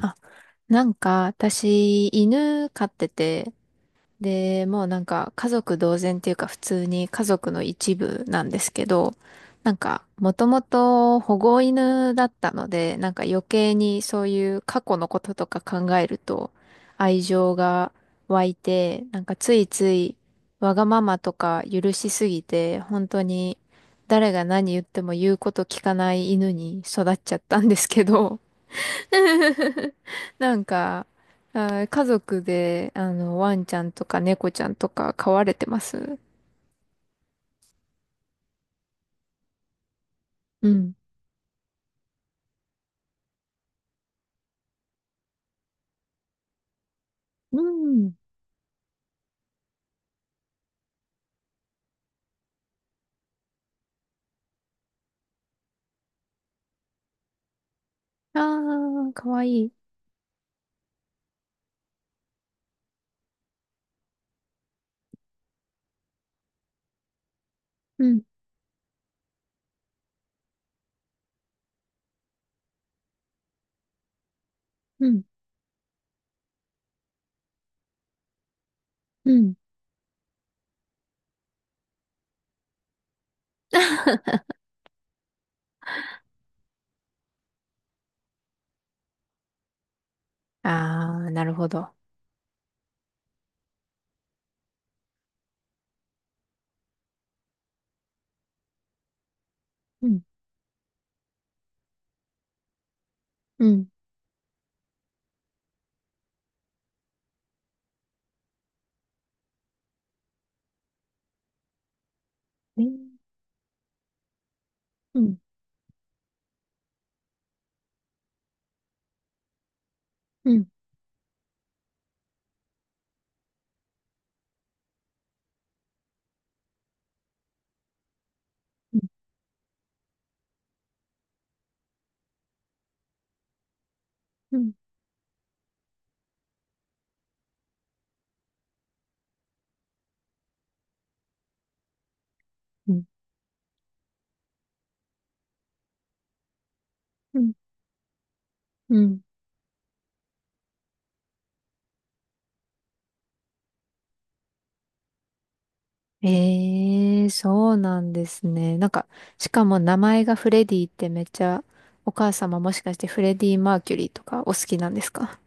あ、なんか私、犬飼ってて、で、もうなんか家族同然っていうか普通に家族の一部なんですけど、なんかもともと保護犬だったので、なんか余計にそういう過去のこととか考えると愛情が湧いて、なんかついついわがままとか許しすぎて、本当に誰が何言っても言うこと聞かない犬に育っちゃったんですけど。なんか、家族で、ワンちゃんとか猫ちゃんとか飼われてます？うん。うん。ああー、かわいい。うん。うん。うん。ああ、なるほど。うん。うん。ね。うん。うん。うん。うん。うん。うん。うん。ええ、そうなんですね。なんか、しかも名前がフレディってめっちゃ、お母様もしかしてフレディ・マーキュリーとかお好きなんですか？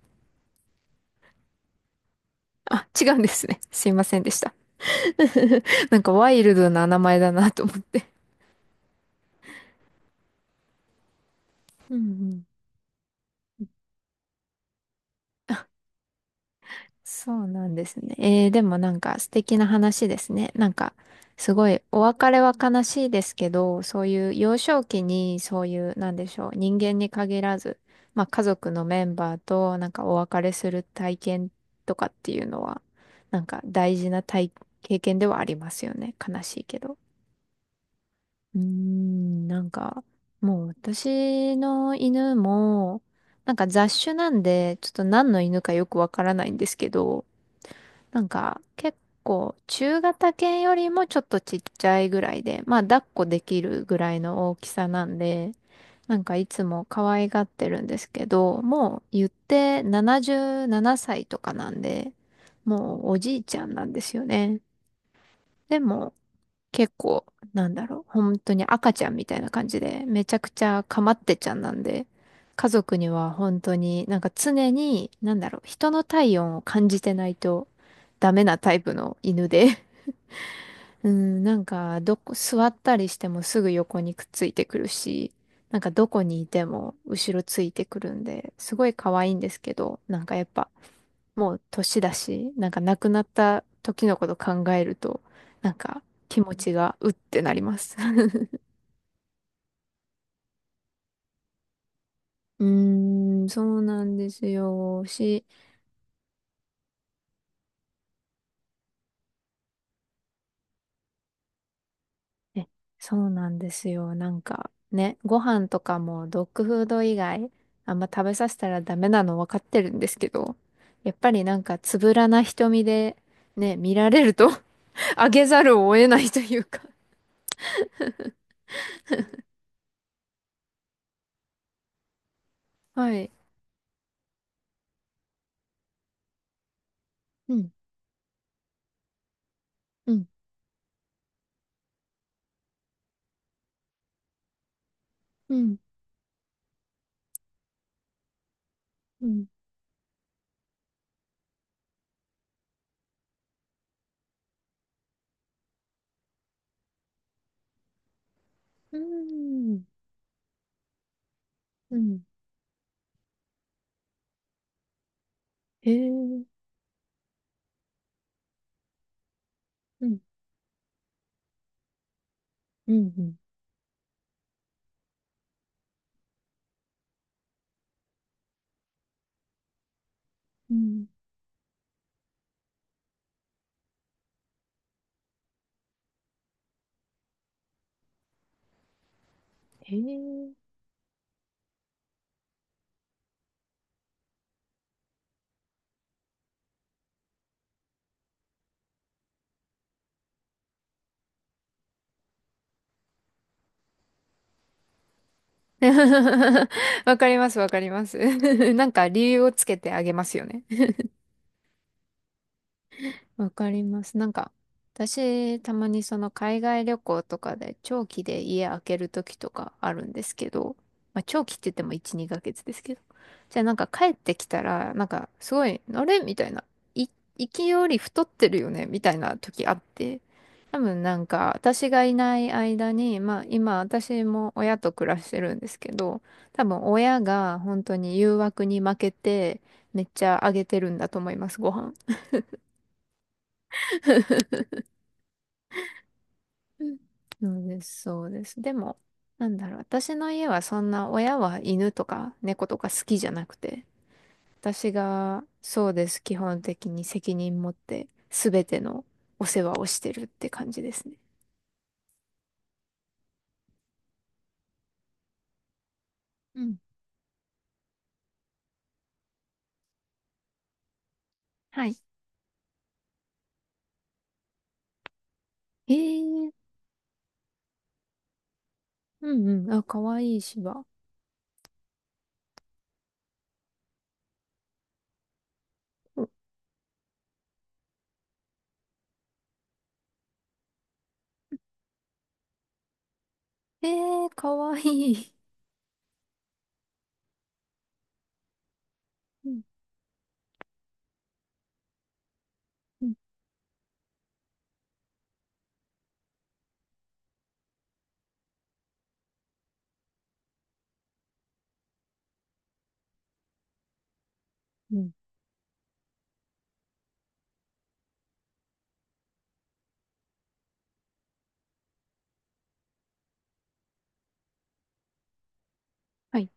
あ、違うんですね。すいませんでした。なんかワイルドな名前だなと思って。うん、うん。そうなんですね。えー、でもなんか素敵な話ですね。なんかすごいお別れは悲しいですけど、そういう幼少期にそういうなんでしょう、人間に限らず、まあ家族のメンバーとなんかお別れする体験とかっていうのは、なんか大事な経験ではありますよね。悲しいけど。うーん、なんか、もう私の犬も、なんか雑種なんで、ちょっと何の犬かよくわからないんですけど、なんか結構中型犬よりもちょっとちっちゃいぐらいで、まあ抱っこできるぐらいの大きさなんで、なんかいつも可愛がってるんですけど、もう言って77歳とかなんで、もうおじいちゃんなんですよね。でも、結構、なんだろう、本当に赤ちゃんみたいな感じで、めちゃくちゃかまってちゃんなんで、家族には本当になんか常に、なんだろう、人の体温を感じてないとダメなタイプの犬で。うん、なんか、どこ、座ったりしてもすぐ横にくっついてくるし、なんかどこにいても後ろついてくるんで、すごい可愛いんですけど、なんかやっぱ、もう年だし、なんか亡くなった時のこと考えると、なんか気持ちがうってなります。うーん、そうなんですよ。え、そうなんですよ。なんかね、ご飯とかもドッグフード以外あんま食べさせたらダメなの分かってるんですけど、やっぱりなんかつぶらな瞳でね、見られると あげざるを得ないというか。はい。うん、うん、うん、うん、うん、うん、へえ、うん、うん、うん、へえ。わかります、わかります。なんか理由をつけてあげますよね。わかります。なんか、私、たまにその海外旅行とかで長期で家開ける時とかあるんですけど、まあ長期って言っても1、2ヶ月ですけど。じゃあなんか帰ってきたら、なんかすごい、あれみたいな。い、行きより太ってるよねみたいな時あって。多分なんか私がいない間に、まあ今私も親と暮らしてるんですけど、多分親が本当に誘惑に負けてめっちゃあげてるんだと思います、ご飯。うん。そうです、そうです。でも、なんだろう、私の家はそんな親は犬とか猫とか好きじゃなくて、私がそうです、基本的に責任持って全てのお世話をしてるって感じですね。うん。はい。えー、うん、うん、あ、かわいい芝。うん。えー、かわいい。うん。うん。うん。はい。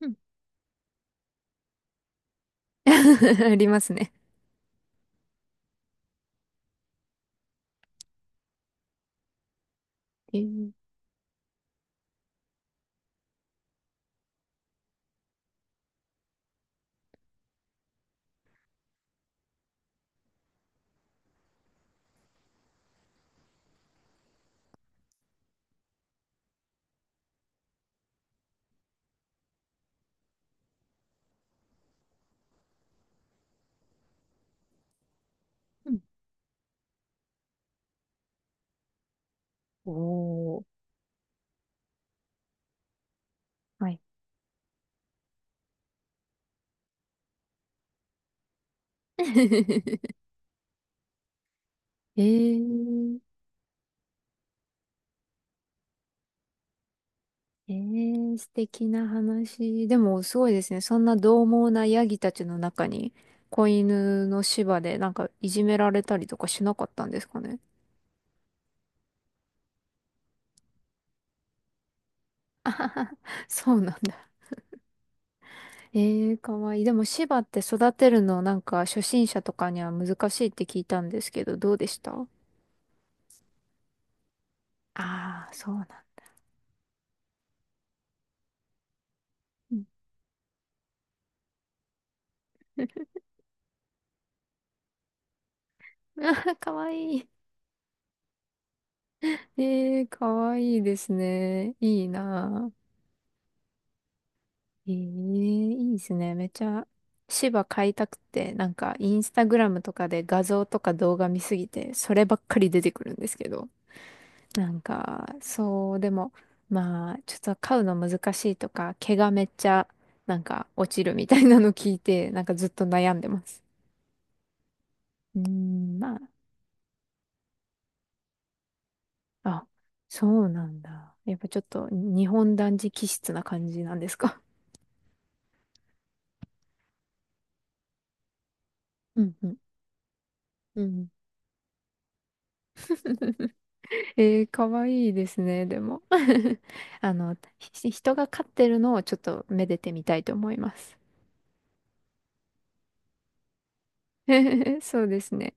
うん。 ありますね。えー、うん、おー、はい。えー、えー、素敵な話。でも、すごいですね。そんな獰猛なヤギたちの中に、子犬の芝でなんかいじめられたりとかしなかったんですかね。そうなんだ。えー、かわいい。でも、芝って育てるのなんか初心者とかには難しいって聞いたんですけど、どうでした？ああー、そうなんだ。うん。 あー、かわいい。えー、かわいいですね。いいなあ。ええ、いいですね。めっちゃ、芝買いたくて、なんか、インスタグラムとかで画像とか動画見すぎて、そればっかり出てくるんですけど。なんか、そう、でも、まあ、ちょっと飼うの難しいとか、毛がめっちゃ、なんか、落ちるみたいなの聞いて、なんかずっと悩んでます。うーん、まあ、あ、そうなんだ。やっぱちょっと、日本男児気質な感じなんですか？うん、うん、うん。えー、かわいいですね、でも。人が飼ってるのをちょっとめでてみたいと思います。そうですね。